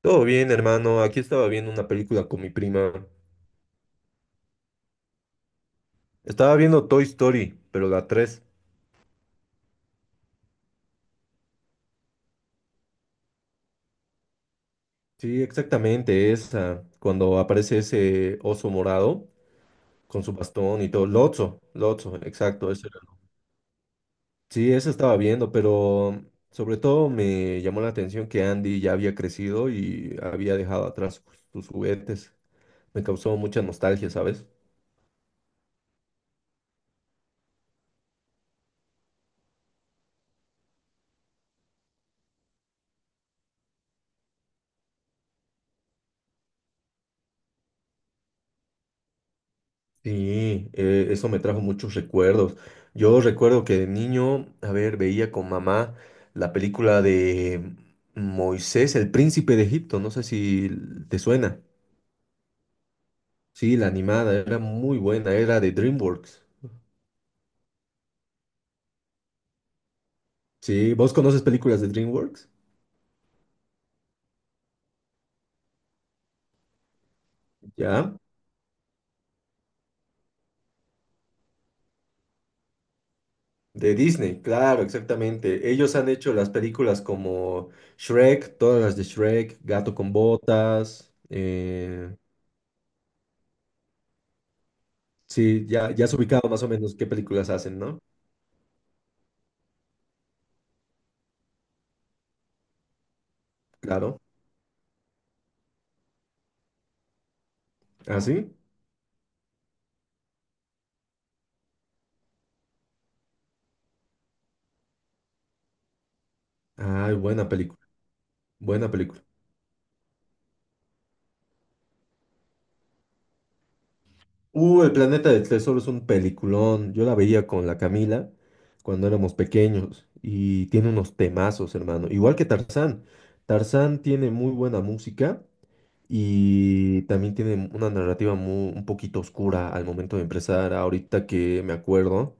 Todo bien, hermano. Aquí estaba viendo una película con mi prima. Estaba viendo Toy Story, pero la tres. Sí, exactamente esa. Cuando aparece ese oso morado con su bastón y todo. Lotso, Lotso, exacto. Ese era. Sí, esa estaba viendo, pero sobre todo me llamó la atención que Andy ya había crecido y había dejado atrás sus juguetes. Me causó mucha nostalgia, ¿sabes? Sí, eso me trajo muchos recuerdos. Yo recuerdo que de niño, a ver, veía con mamá la película de Moisés, el príncipe de Egipto, no sé si te suena. Sí, la animada era muy buena, era de DreamWorks. Sí, ¿vos conoces películas de DreamWorks? ¿Ya? De Disney, claro, exactamente. Ellos han hecho las películas como Shrek, todas las de Shrek, Gato con Botas. Sí, ya, ya has ubicado más o menos qué películas hacen, ¿no? Claro. ¿Ah, sí? Ay, buena película, buena película. El planeta del tesoro es un peliculón. Yo la veía con la Camila cuando éramos pequeños y tiene unos temazos, hermano. Igual que Tarzán. Tarzán tiene muy buena música y también tiene una narrativa un poquito oscura al momento de empezar. Ahorita que me acuerdo,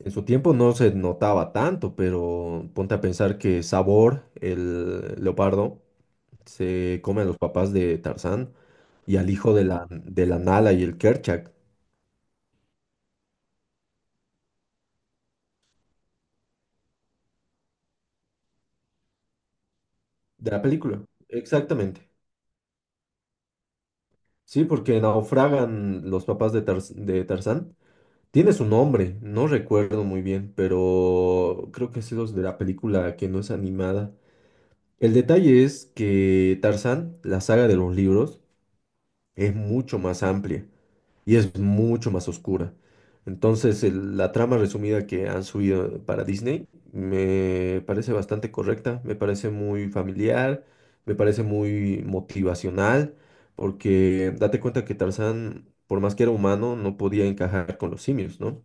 en su tiempo no se notaba tanto, pero ponte a pensar que Sabor, el leopardo, se come a los papás de Tarzán y al hijo de la Nala y el Kerchak de la película. Exactamente. Sí, porque naufragan los papás de, de Tarzán. Tiene su nombre, no recuerdo muy bien, pero creo que es los de la película que no es animada. El detalle es que Tarzán, la saga de los libros, es mucho más amplia. Y es mucho más oscura. Entonces, la trama resumida que han subido para Disney me parece bastante correcta, me parece muy familiar, me parece muy motivacional, porque date cuenta que Tarzán, por más que era humano, no podía encajar con los simios, ¿no?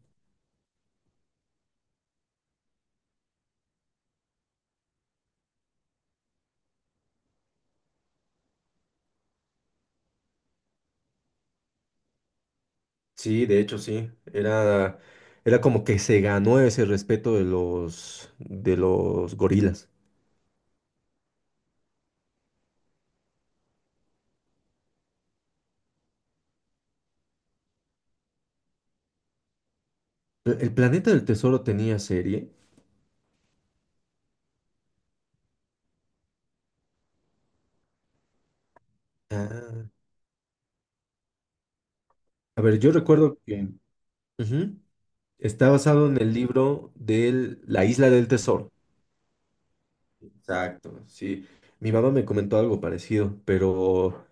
Sí, de hecho sí, era como que se ganó ese respeto de los gorilas. ¿El Planeta del Tesoro tenía serie? Ah, a ver, yo recuerdo que... Ujú. Está basado en el libro de La Isla del Tesoro. Exacto, sí. Mi mamá me comentó algo parecido, pero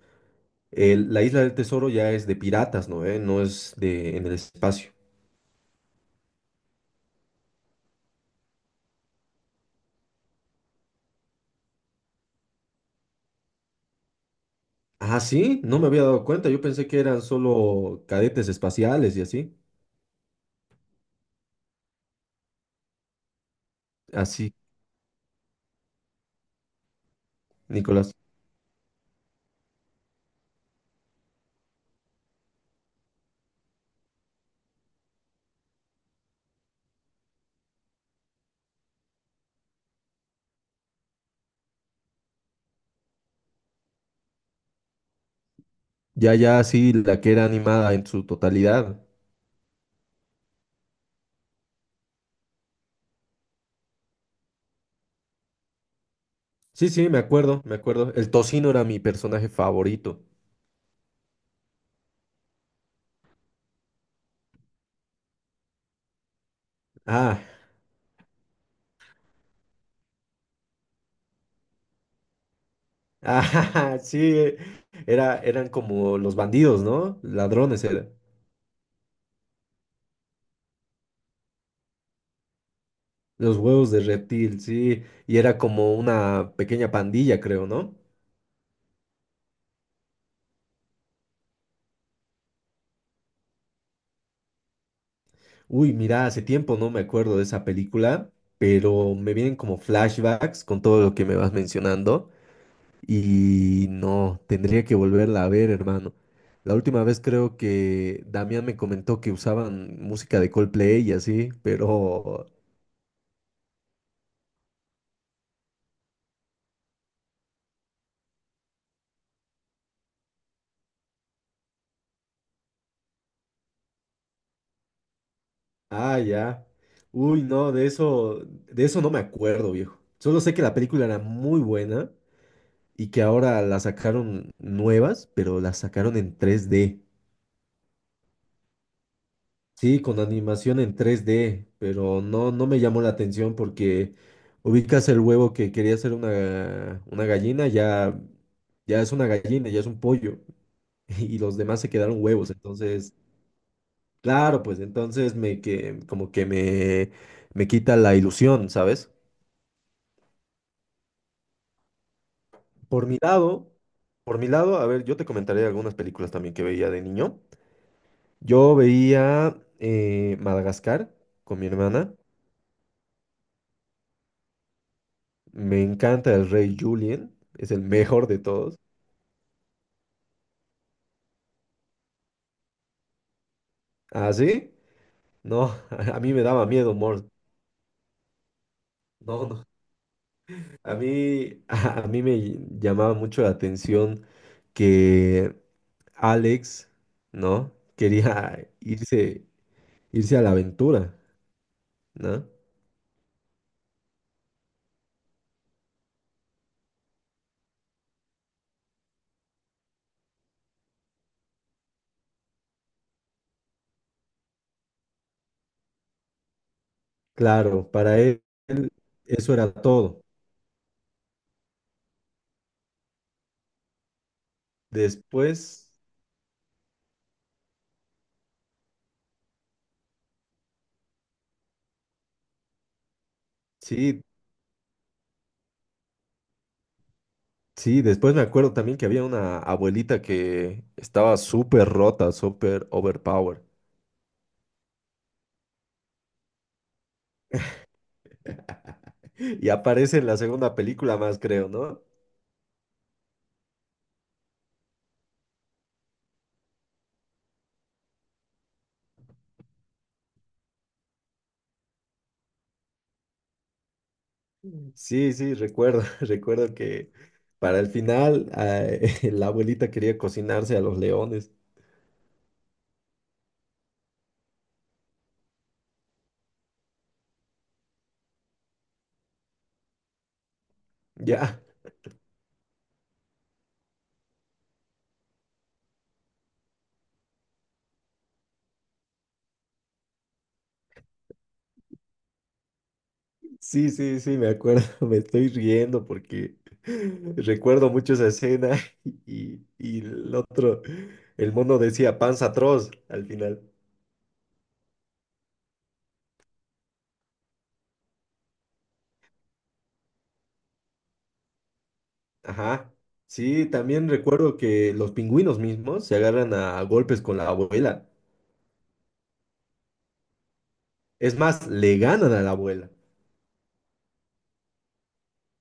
La Isla del Tesoro ya es de piratas, ¿no? ¿Eh? No es de en el espacio. Ah, sí, no me había dado cuenta. Yo pensé que eran solo cadetes espaciales y así. Así, Nicolás. Ya, ya, sí, la que era animada en su totalidad. Sí, sí, me acuerdo, me acuerdo. El tocino era mi personaje favorito. Ah, Ah, sí, eran como los bandidos, ¿no? Ladrones eran. Los huevos de reptil, sí. Y era como una pequeña pandilla, creo, ¿no? Uy, mira, hace tiempo no me acuerdo de esa película, pero me vienen como flashbacks con todo lo que me vas mencionando. Y no, tendría que volverla a ver, hermano. La última vez creo que Damián me comentó que usaban música de Coldplay y así, pero. Ah, ya. Uy, no, de eso no me acuerdo, viejo. Solo sé que la película era muy buena y que ahora la sacaron nuevas, pero la sacaron en 3D. Sí, con animación en 3D, pero no, no me llamó la atención porque ubicas el huevo que quería ser una gallina, ya, ya es una gallina, ya es un pollo, y los demás se quedaron huevos. Entonces, claro, pues entonces me que como que me, quita la ilusión, ¿sabes? Por mi lado, por mi lado, a ver, yo te comentaré algunas películas también que veía de niño. Yo veía Madagascar con mi hermana. Me encanta el rey Julien, es el mejor de todos. ¿Ah, sí? No, a mí me daba miedo, Mort. No, no. A mí, a mí me llamaba mucho la atención que Alex, ¿no? Quería irse, irse a la aventura, ¿no? Claro, para él él eso era todo. Después, sí, sí, después me acuerdo también que había una abuelita que estaba súper rota, súper overpowered. Y aparece en la segunda película más, creo, ¿no? Sí, sí, recuerdo, recuerdo que para el final la abuelita quería cocinarse a los leones. Ya, sí, sí, sí, me acuerdo, me estoy riendo porque recuerdo mucho esa escena y el otro, el mono decía panza atroz al final. Ajá. Sí, también recuerdo que los pingüinos mismos se agarran a golpes con la abuela. Es más, le ganan a la abuela.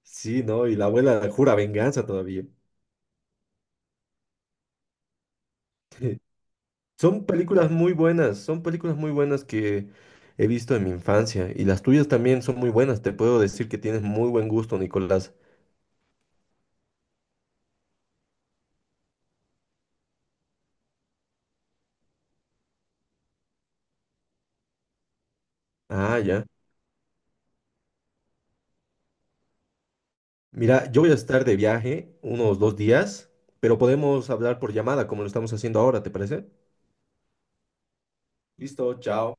Sí, ¿no? Y la abuela jura venganza todavía. Son películas muy buenas, son películas muy buenas que he visto en mi infancia. Y las tuyas también son muy buenas. Te puedo decir que tienes muy buen gusto, Nicolás. Ah, ya. Mira, yo voy a estar de viaje unos 2 días, pero podemos hablar por llamada como lo estamos haciendo ahora, ¿te parece? Listo, chao.